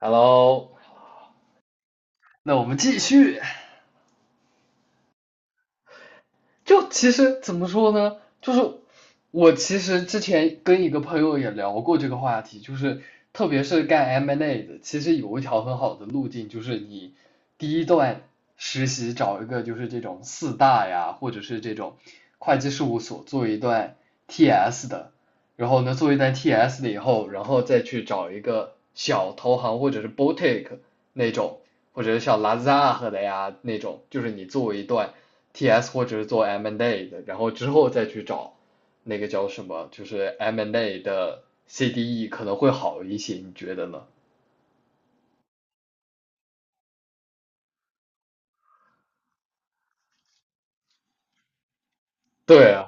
Hello,那我们继续。就其实怎么说呢，就是我其实之前跟一个朋友也聊过这个话题，就是特别是干 M&A n d A 的，其实有一条很好的路径，就是你第一段实习找一个就是这种四大呀，或者是这种会计事务所做一段 TS 的，然后呢做一段 TS 的以后，然后再去找一个小投行或者是 boutique 那种，或者是像 Lazada 的呀那种，就是你做一段TS 或者是做 M&A 的，然后之后再去找那个叫什么，就是 M&A 的 CDE 可能会好一些，你觉得呢？对啊，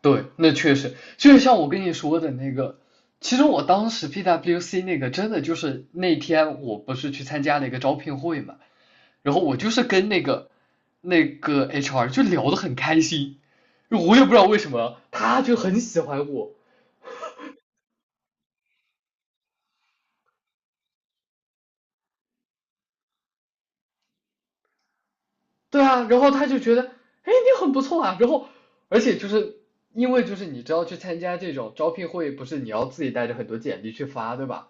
对，那确实，就是像我跟你说的那个，其实我当时 PWC 那个真的就是那天我不是去参加了一个招聘会嘛，然后我就是跟那个 HR 就聊得很开心，我也不知道为什么，他就很喜欢我，对啊，然后他就觉得，哎，你很不错啊。然后，而且就是因为就是你知道去参加这种招聘会，不是你要自己带着很多简历去发，对吧？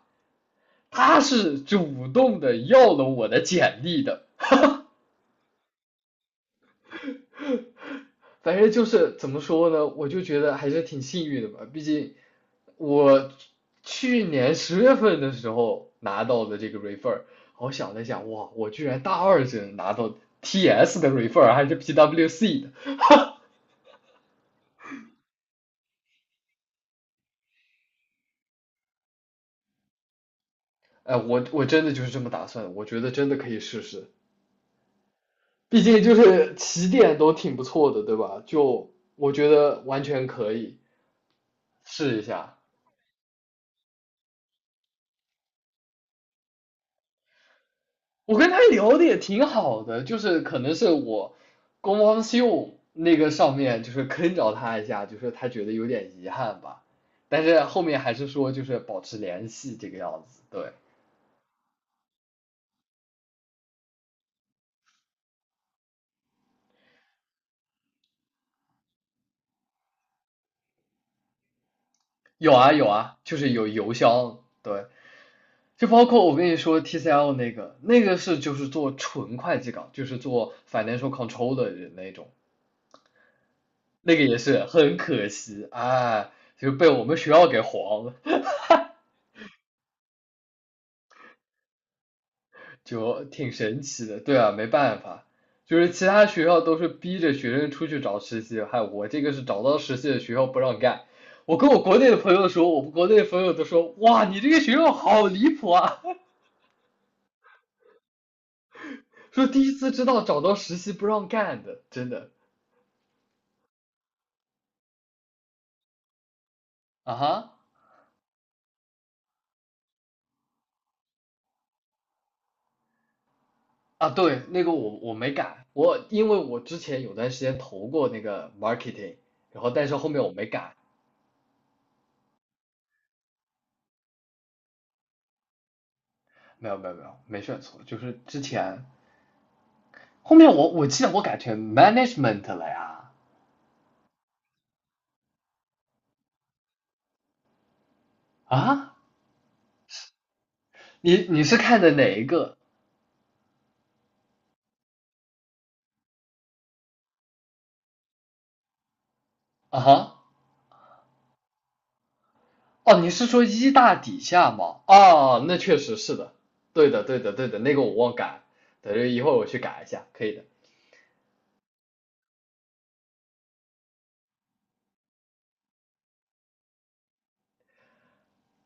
他是主动的要了我的简历的。反正就是怎么说呢，我就觉得还是挺幸运的吧。毕竟我去年十月份的时候拿到的这个 refer,我想了想，哇，我居然大二生拿到 TS 的 refer,还是 PWC 的。哎，我真的就是这么打算，我觉得真的可以试试，毕竟就是起点都挺不错的，对吧？就我觉得完全可以试一下。我跟他聊的也挺好的，就是可能是我公方秀那个上面就是坑着他一下，就是他觉得有点遗憾吧，但是后面还是说就是保持联系这个样子。对，有啊有啊，就是有邮箱，对，就包括我跟你说 TCL 那个，那个是就是做纯会计岗，就是做 financial control 的人那种，那个也是很可惜啊，就被我们学校给黄了，就挺神奇的。对啊，没办法，就是其他学校都是逼着学生出去找实习，嗨，我这个是找到实习的学校不让干。我跟我国内的朋友说，我们国内的朋友都说，哇，你这个学校好离谱啊，说第一次知道找到实习不让干的，真的啊哈。啊，对，那个我没改，我因为我之前有段时间投过那个 marketing,然后但是后面我没改，没有没有没有，没选错，就是之前后面我记得我改成 management 了呀，啊，你你是看的哪一个啊哈？哦，你是说一大底下吗？哦，那确实是的，对的对的对的，那个我忘改，等着一会儿我去改一下，可以的。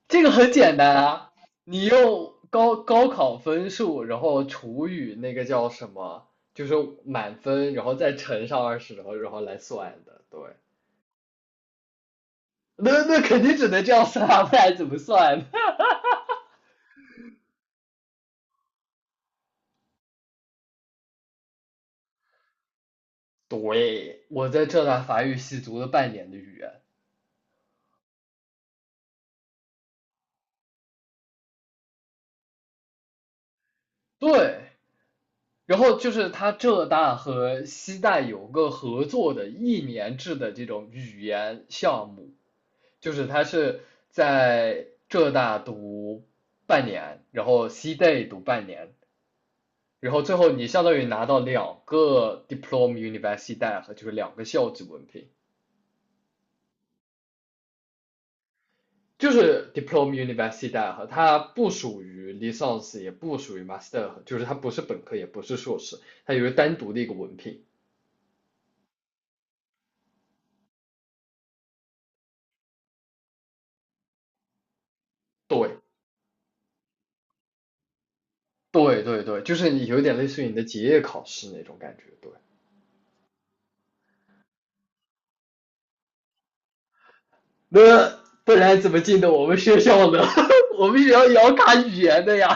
这个很简单啊，你用高考分数，然后除以那个叫什么，就是满分，然后再乘上二十，然后来算的。对，那那肯定只能这样算啊，不然怎么算？对，我在浙大法语系读了半年的语言，对，然后就是它浙大和西大有个合作的一年制的这种语言项目，就是它是在浙大读半年，然后西大读半年，然后最后你相当于拿到两个 Diplom a Universidad,就是两个校级文凭。就是 Diplom a Universidad,它不属于 l i c e n s e 也不属于 Master,就是它不是本科，也不是硕士，它有一个单独的一个文凭。对，对对对，就是你有点类似于你的结业考试那种感觉，对。那不然怎么进的我们学校呢？我们学校也要卡语言的呀。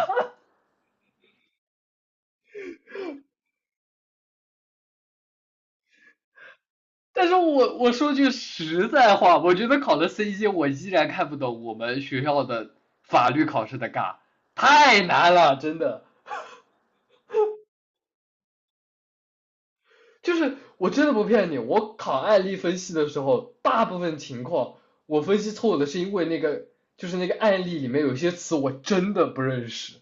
但是我说句实在话，我觉得考了 C 一，我依然看不懂我们学校的法律考试的嘎，太难了，真的。就是我真的不骗你，我考案例分析的时候，大部分情况我分析错误的是因为那个就是那个案例里面有些词我真的不认识。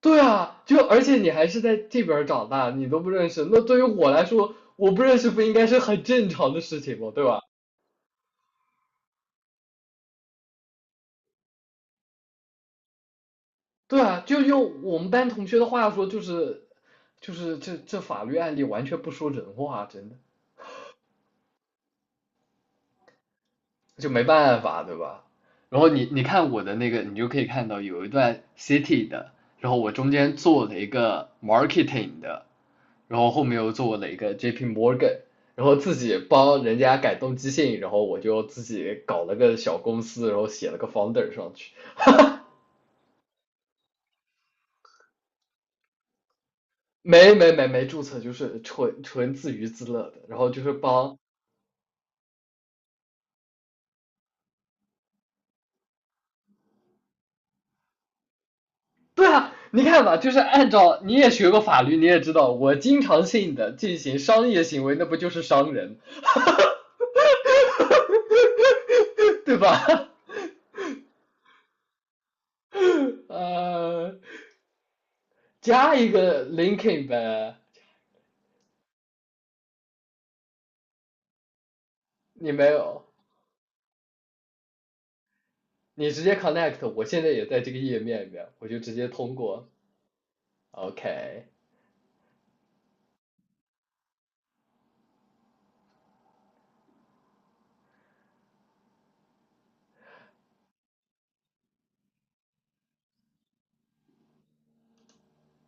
对啊，就而且你还是在这边儿长大，你都不认识，那对于我来说，我不认识不应该是很正常的事情吗？对吧？对啊，就用我们班同学的话说，就是，就是这法律案例完全不说人话啊，真的。就没办法，对吧？然后你你看我的那个，你就可以看到有一段 city 的，然后我中间做了一个 marketing 的，然后后面又做了一个 JP Morgan,然后自己帮人家改动机信，然后我就自己搞了个小公司，然后写了个 founder 上去，没注册，就是纯纯自娱自乐的，然后就是帮 对啊，你看嘛，就是按照你也学过法律，你也知道，我经常性的进行商业行为，那不就是商人，哈哈哈对吧？呃，加一个 linking 呗，你没有，你直接 connect,我现在也在这个页面里面，我就直接通过。OK,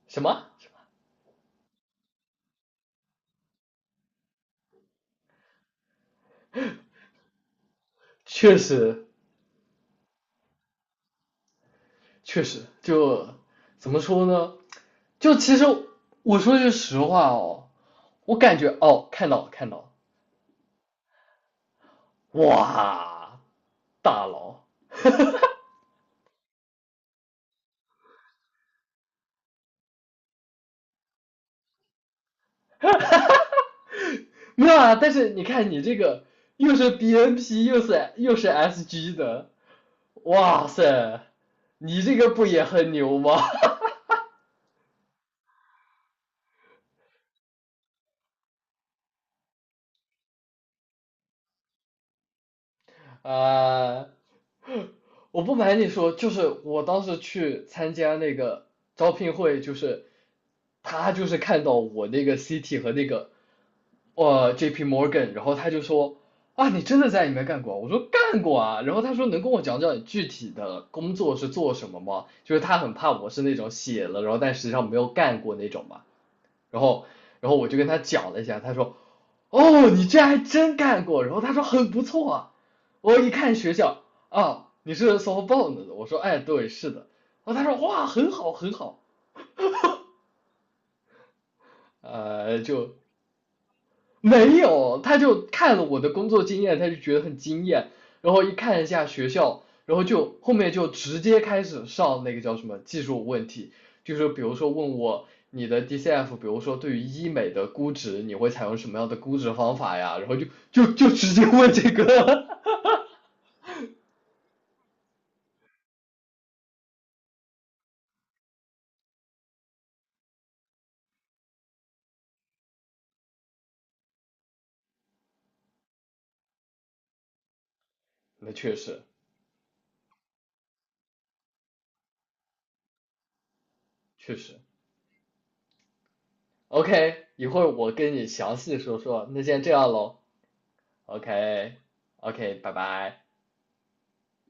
什么？确实，确实，就怎么说呢？就其实我说句实话哦，我感觉哦，看到了，看到了。哇，大佬，没有啊但是你看你这个又是 BNP 又是 SG 的，哇塞，你这个不也很牛吗？啊，我不瞒你说，就是我当时去参加那个招聘会，就是他就是看到我那个 CT 和那个JP Morgan,然后他就说啊，你真的在里面干过啊我说干过啊。然后他说能跟我讲讲你具体的工作是做什么吗？就是他很怕我是那种写了，然后但实际上没有干过那种嘛。然后我就跟他讲了一下，他说，哦，你这还真干过，然后他说很不错啊，我一看学校啊，你是 s o f b o u n d 的，我说哎对是的，然后他说哇很好很好，就没有，他就看了我的工作经验，他就觉得很惊艳，然后一看一下学校，然后就后面就直接开始上那个叫什么技术问题，就是比如说问我你的 DCF,比如说对于医美的估值，你会采用什么样的估值方法呀？然后就直接问这个，那确实确实，OK,一会儿我跟你详细说说，那先这样喽，OK OK,拜拜。